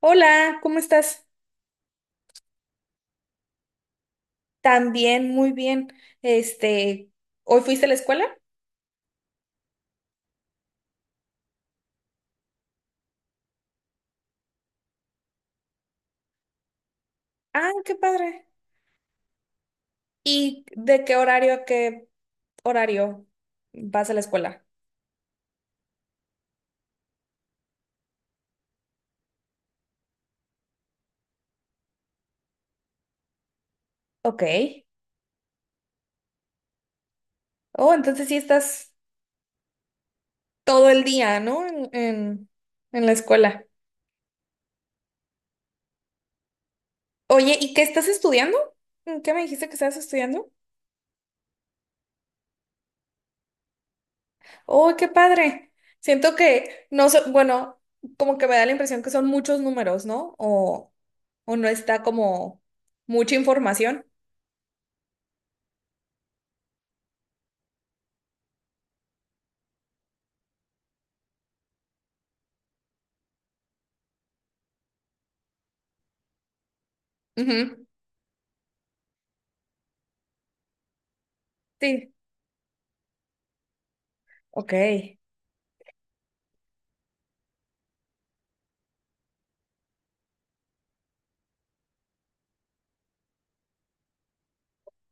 Hola, ¿cómo estás? También, muy bien. Este, ¿hoy fuiste a la escuela? Ah, qué padre. ¿Y de qué horario a qué horario vas a la escuela? Ok. Oh, entonces sí estás todo el día, ¿no? En la escuela. Oye, ¿y qué estás estudiando? ¿Qué me dijiste que estabas estudiando? Oh, qué padre. Siento que no so- bueno, como que me da la impresión que son muchos números, ¿no? O no está como mucha información. Ujú, sí, ok.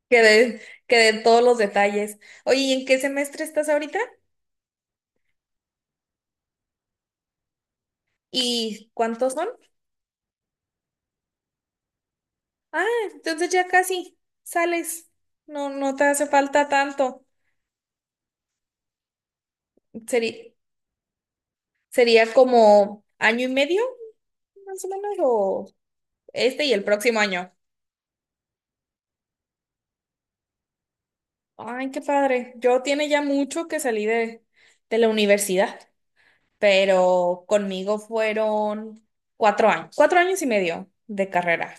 Quedé, quedé en todos los detalles. Oye, ¿y en qué semestre estás ahorita? ¿Y cuántos son? Ah, entonces ya casi sales. No, no te hace falta tanto. Sería, sería como año y medio, más o menos, o este y el próximo año. Ay, qué padre. Yo tiene ya mucho que salí de la universidad, pero conmigo fueron 4 años, 4 años y medio de carrera.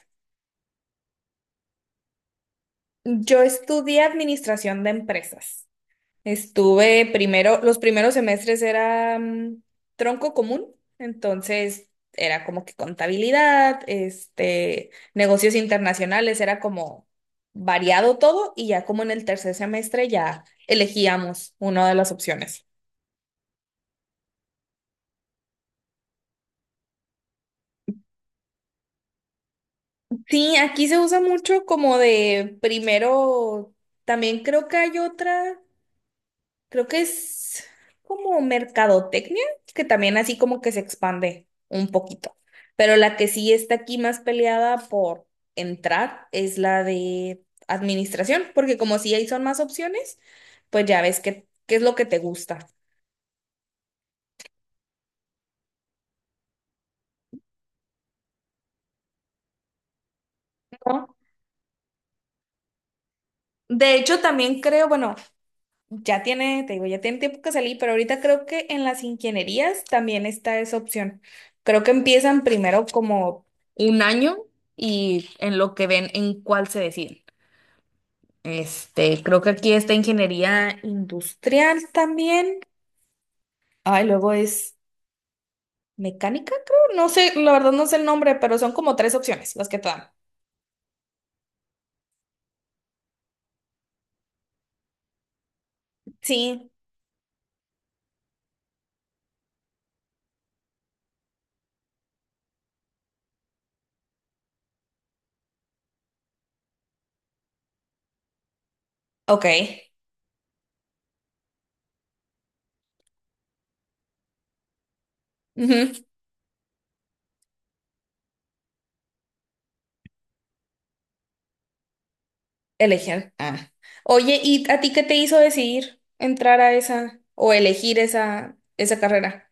Yo estudié administración de empresas. Estuve primero, los primeros semestres era tronco común, entonces era como que contabilidad, este, negocios internacionales, era como variado todo y ya como en el tercer semestre ya elegíamos una de las opciones. Sí, aquí se usa mucho como de primero, también creo que hay otra. Creo que es como mercadotecnia, que también así como que se expande un poquito. Pero la que sí está aquí más peleada por entrar es la de administración, porque como sí ahí son más opciones, pues ya ves qué es lo que te gusta, ¿no? De hecho, también creo, bueno, ya tiene, te digo, ya tiene tiempo que salí, pero ahorita creo que en las ingenierías también está esa opción. Creo que empiezan primero como un año y en lo que ven en cuál se deciden. Este, creo que aquí está ingeniería industrial también. Ay, luego es mecánica, creo. No sé, la verdad no sé el nombre, pero son como tres opciones las que te dan. Sí, ok. Ujú. Elegir. Ah. Oye, ¿y a ti qué te hizo decidir entrar a esa o elegir esa carrera?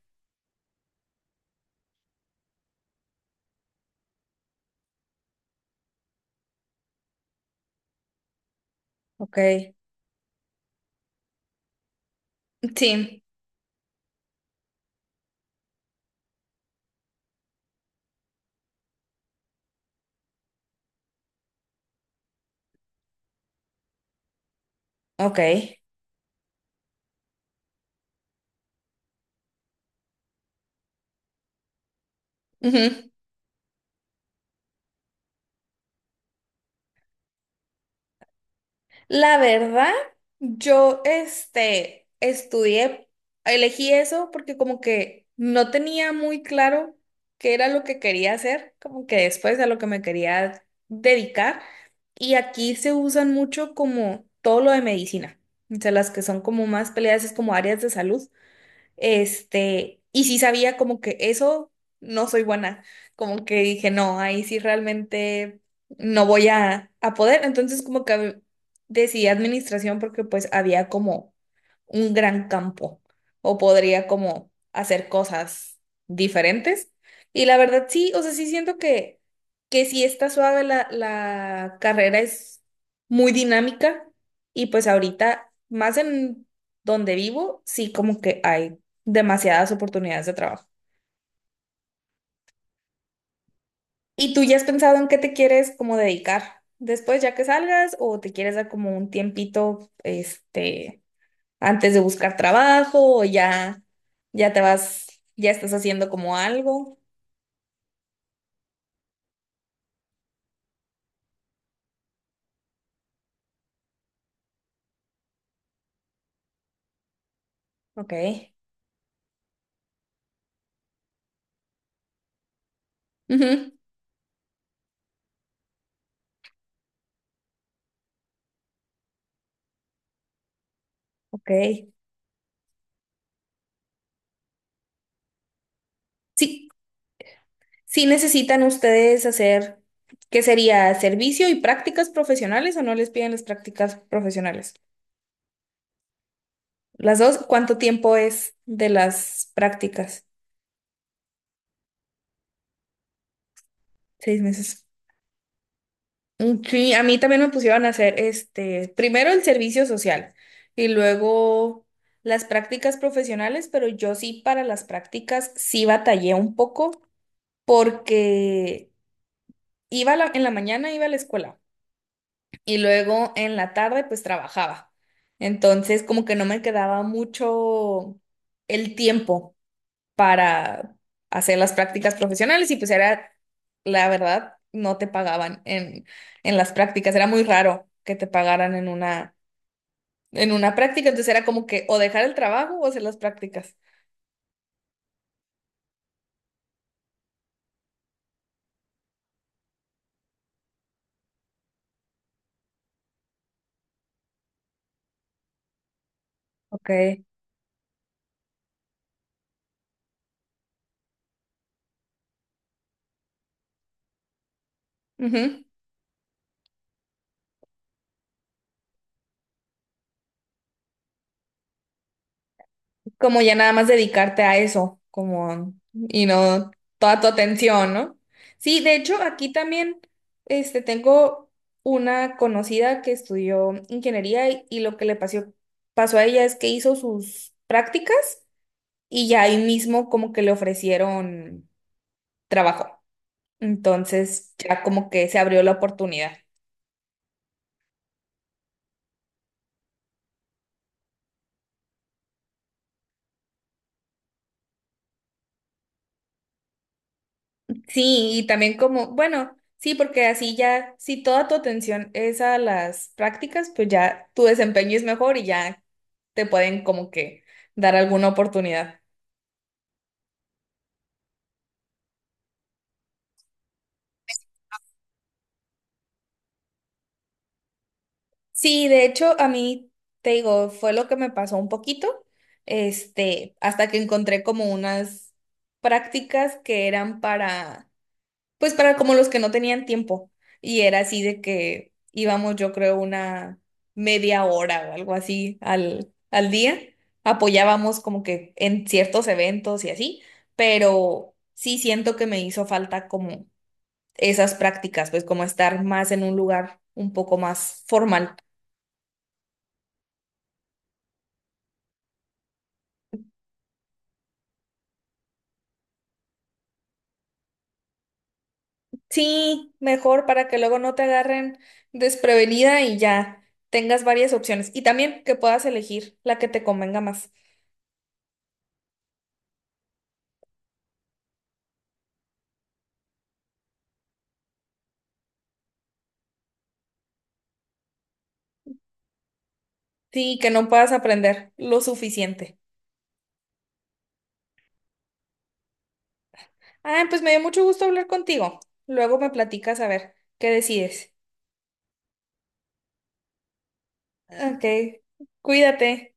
Ok. Sí, ok. La verdad, yo este, estudié, elegí eso porque como que no tenía muy claro qué era lo que quería hacer, como que después a lo que me quería dedicar. Y aquí se usan mucho como todo lo de medicina, o sea, las que son como más peleadas es como áreas de salud. Este, y sí sabía como que eso no soy buena, como que dije, no, ahí sí realmente no voy a poder. Entonces como que decidí administración porque pues había como un gran campo o podría como hacer cosas diferentes. Y la verdad sí, o sea, sí siento que sí está suave la carrera, es muy dinámica y pues ahorita más en donde vivo, sí como que hay demasiadas oportunidades de trabajo. ¿Y tú ya has pensado en qué te quieres como dedicar después ya que salgas o te quieres dar como un tiempito este antes de buscar trabajo o ya ya te vas ya estás haciendo como algo? Ok. Ujú, ok. Sí, sí necesitan ustedes hacer, ¿qué sería servicio y prácticas profesionales o no les piden las prácticas profesionales? Las dos, ¿cuánto tiempo es de las prácticas? 6 meses. Mm, sí, a mí también me pusieron a hacer este, primero el servicio social y luego las prácticas profesionales, pero yo sí para las prácticas sí batallé un poco porque iba en la mañana iba a la escuela y luego en la tarde pues trabajaba. Entonces como que no me quedaba mucho el tiempo para hacer las prácticas profesionales y pues era, la verdad, no te pagaban en las prácticas, era muy raro que te pagaran en una práctica, entonces era como que o dejar el trabajo o hacer las prácticas. Ok. Ujú. Como ya nada más dedicarte a eso, como, y no toda tu atención, ¿no? Sí, de hecho, aquí también, este, tengo una conocida que estudió ingeniería y lo que le pasó, pasó a ella es que hizo sus prácticas y ya ahí mismo como que le ofrecieron trabajo. Entonces ya como que se abrió la oportunidad. Sí, y también como, bueno, sí, porque así ya, si toda tu atención es a las prácticas, pues ya tu desempeño es mejor y ya te pueden como que dar alguna oportunidad. Sí, de hecho, a mí, te digo, fue lo que me pasó un poquito, este, hasta que encontré como unas prácticas que eran para pues para como los que no tenían tiempo. Y era así de que íbamos, yo creo, una media hora o algo así al día. Apoyábamos como que en ciertos eventos y así, pero sí siento que me hizo falta como esas prácticas, pues como estar más en un lugar un poco más formal. Sí, mejor para que luego no te agarren desprevenida y ya tengas varias opciones. Y también que puedas elegir la que te convenga más. Sí, que no puedas aprender lo suficiente. Ah, pues me dio mucho gusto hablar contigo. Luego me platicas a ver qué decides. Ok, cuídate.